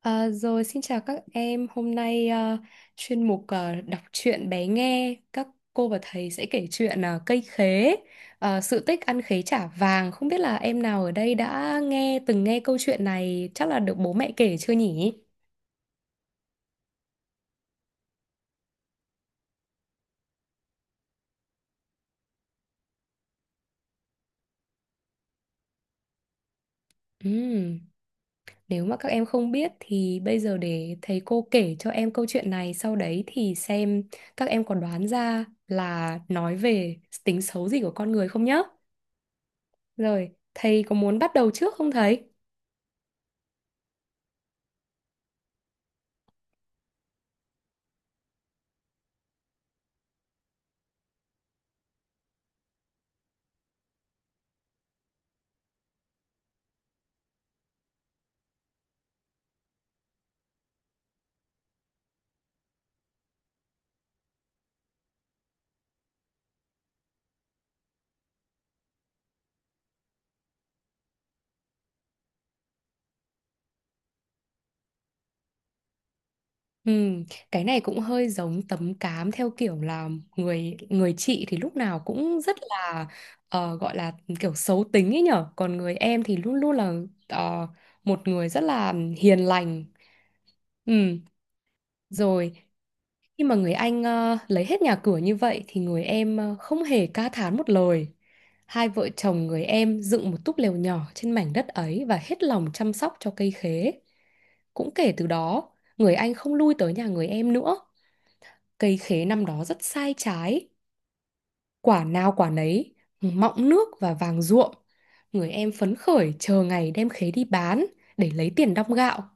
À, rồi xin chào các em, hôm nay chuyên mục đọc truyện bé nghe các cô và thầy sẽ kể chuyện cây khế, sự tích ăn khế trả vàng. Không biết là em nào ở đây đã nghe từng nghe câu chuyện này chắc là được bố mẹ kể chưa nhỉ? Ừm, Nếu mà các em không biết thì bây giờ để thầy cô kể cho em câu chuyện này, sau đấy thì xem các em có đoán ra là nói về tính xấu gì của con người không nhá. Rồi, thầy có muốn bắt đầu trước không thầy? Ừ, cái này cũng hơi giống tấm cám theo kiểu là người người chị thì lúc nào cũng rất là gọi là kiểu xấu tính ấy nhở, còn người em thì luôn luôn là ờ, một người rất là hiền lành ừ, Rồi, khi mà người anh lấy hết nhà cửa như vậy thì người em không hề ca thán một lời. Hai vợ chồng người em dựng một túp lều nhỏ trên mảnh đất ấy và hết lòng chăm sóc cho cây khế. Cũng kể từ đó, người anh không lui tới nhà người em nữa. Cây khế năm đó rất sai trái, quả nào quả nấy, mọng nước và vàng ruộm. Người em phấn khởi chờ ngày đem khế đi bán để lấy tiền đong gạo.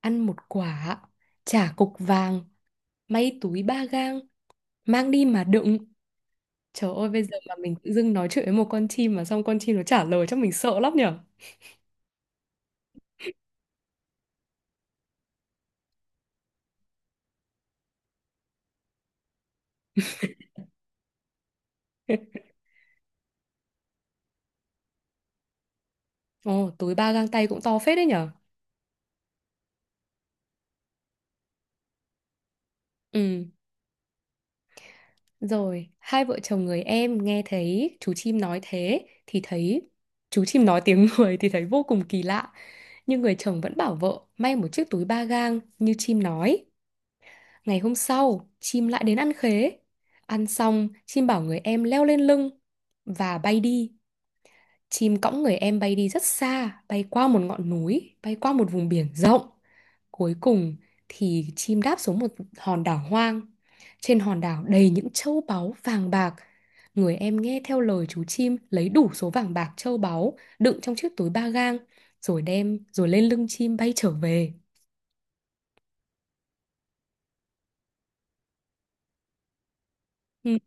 Ăn một quả, trả cục vàng, may túi 3 gang, mang đi mà đựng. Trời ơi, bây giờ mà mình tự dưng nói chuyện với một con chim mà xong con chim nó trả lời cho mình sợ lắm nhở. Ồ, túi 3 gang tay cũng to phết đấy nhở. Ừ. Rồi, hai vợ chồng người em nghe thấy chú chim nói thế thì thấy chú chim nói tiếng người thì thấy vô cùng kỳ lạ. Nhưng người chồng vẫn bảo vợ may một chiếc túi ba gang như chim nói. Ngày hôm sau, chim lại đến ăn khế. Ăn xong, chim bảo người em leo lên lưng và bay đi. Chim cõng người em bay đi rất xa, bay qua một ngọn núi, bay qua một vùng biển rộng. Cuối cùng thì chim đáp xuống một hòn đảo hoang. Trên hòn đảo đầy những châu báu vàng bạc. Người em nghe theo lời chú chim lấy đủ số vàng bạc châu báu đựng trong chiếc túi ba gang rồi đem rồi lên lưng chim bay trở về. Ừ.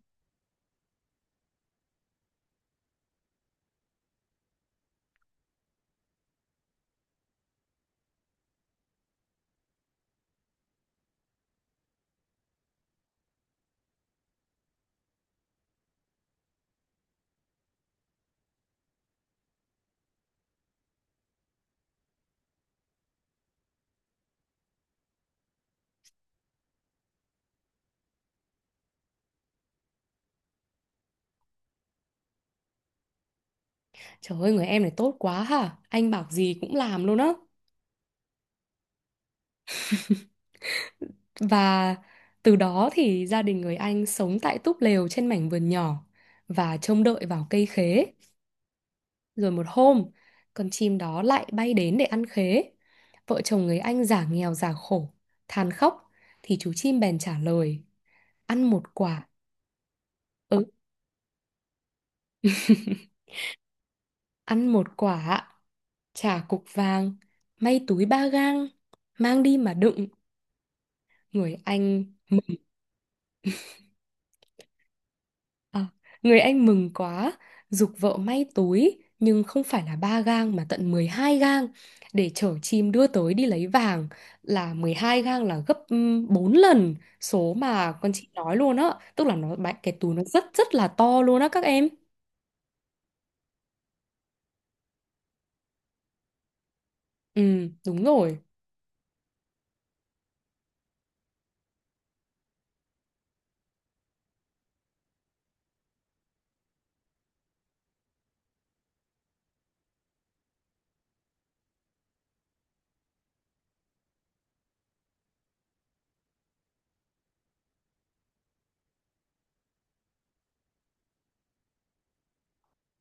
Trời ơi, người em này tốt quá hả? Anh bảo gì cũng làm luôn á. Và từ đó thì gia đình người anh sống tại túp lều trên mảnh vườn nhỏ và trông đợi vào cây khế. Rồi một hôm, con chim đó lại bay đến để ăn khế. Vợ chồng người anh giả nghèo giả khổ, than khóc, thì chú chim bèn trả lời. Ăn một quả, ừ, Ăn một quả, trả cục vàng, may túi ba gang, mang đi mà đựng. Người anh mừng À, người anh mừng quá, giục vợ may tối, nhưng không phải là 3 gang mà tận 12 gang để chở chim đưa tới đi lấy vàng, là 12 gang là gấp 4 lần số mà con chị nói luôn á, tức là nó bạn cái túi nó rất rất là to luôn á các em. Ừ, đúng rồi.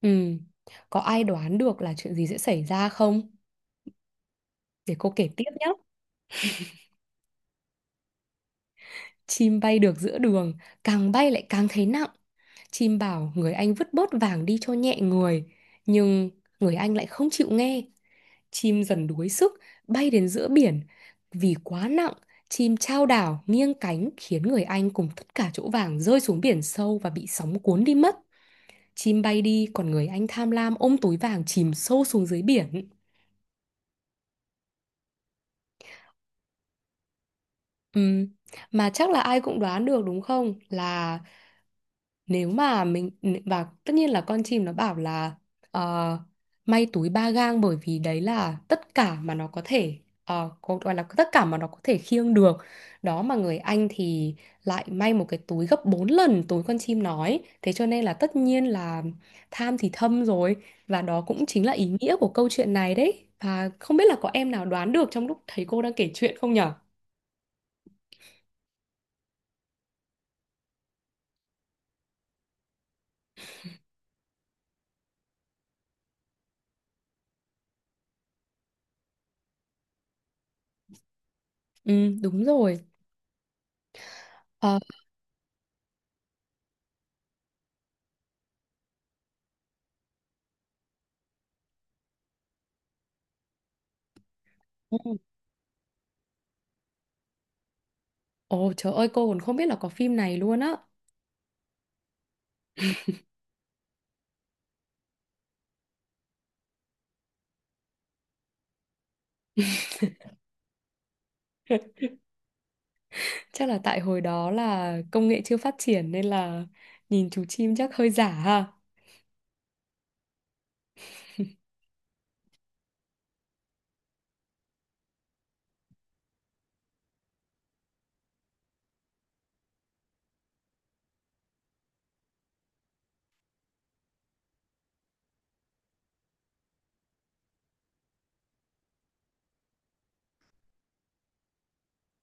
Ừ. Có ai đoán được là chuyện gì sẽ xảy ra không? Để cô kể tiếp nhé. Chim bay được giữa đường, càng bay lại càng thấy nặng. Chim bảo người anh vứt bớt vàng đi cho nhẹ người, nhưng người anh lại không chịu nghe. Chim dần đuối sức, bay đến giữa biển. Vì quá nặng, chim chao đảo nghiêng cánh khiến người anh cùng tất cả chỗ vàng rơi xuống biển sâu và bị sóng cuốn đi mất. Chim bay đi, còn người anh tham lam ôm túi vàng chìm sâu xuống dưới biển. Ừm, Mà chắc là ai cũng đoán được đúng không? Là nếu mà mình, và tất nhiên là con chim nó bảo là ờ, may túi ba gang bởi vì đấy là tất cả mà nó có thể có gọi là tất cả mà nó có thể khiêng được. Đó, mà người anh thì lại may một cái túi gấp 4 lần túi con chim nói. Thế cho nên là tất nhiên là tham thì thâm rồi, và đó cũng chính là ý nghĩa của câu chuyện này đấy. Và không biết là có em nào đoán được trong lúc thấy cô đang kể chuyện không nhở? Ừ, đúng rồi. Ờ, ừ. Ồ trời ơi, cô còn không biết là có phim này luôn á. Chắc là tại hồi đó là công nghệ chưa phát triển nên là nhìn chú chim chắc hơi giả ha.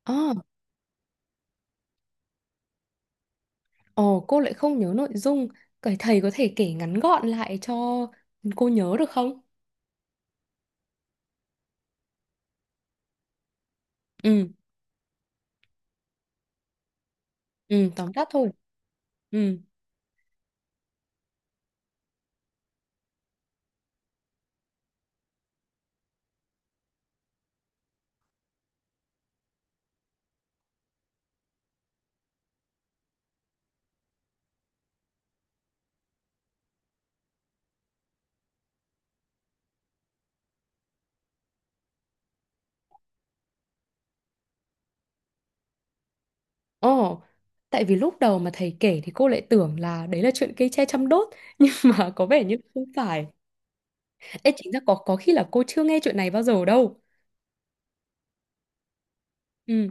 À, ồ cô lại không nhớ nội dung. Cái thầy có thể kể ngắn gọn lại cho cô nhớ được không? Ừ, ừ, tóm tắt thôi. Ừ. Ồ, tại vì lúc đầu mà thầy kể thì cô lại tưởng là đấy là chuyện cây tre chăm đốt nhưng mà có vẻ như không phải. Ê, chính ra có khi là cô chưa nghe chuyện này bao giờ đâu. Ừ.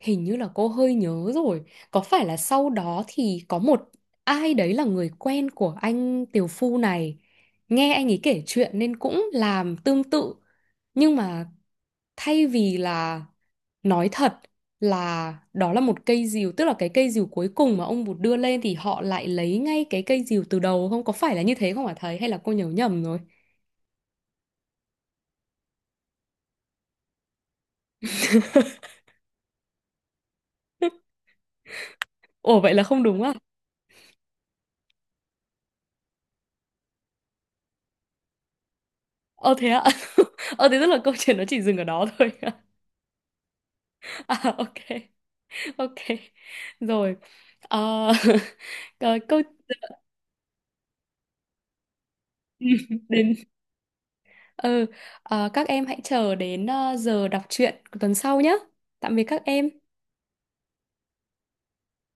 Hình như là cô hơi nhớ rồi. Có phải là sau đó thì có một ai đấy là người quen của anh Tiều Phu này. Nghe anh ấy kể chuyện nên cũng làm tương tự. Nhưng mà thay vì là nói thật là đó là một cây dìu, tức là cái cây dìu cuối cùng mà ông Bụt đưa lên, thì họ lại lấy ngay cái cây dìu từ đầu không? Có phải là như thế không hả thầy? Hay là cô nhớ nhầm rồi? Ồ, vậy là không đúng à? Ờ, thế ạ. Ờ, thế tức là câu chuyện nó chỉ dừng ở đó thôi. À, ok. Ok. Rồi. Ờ, ờ, câu đến ừ, các em hãy chờ đến giờ đọc truyện của tuần sau nhé. Tạm biệt các em.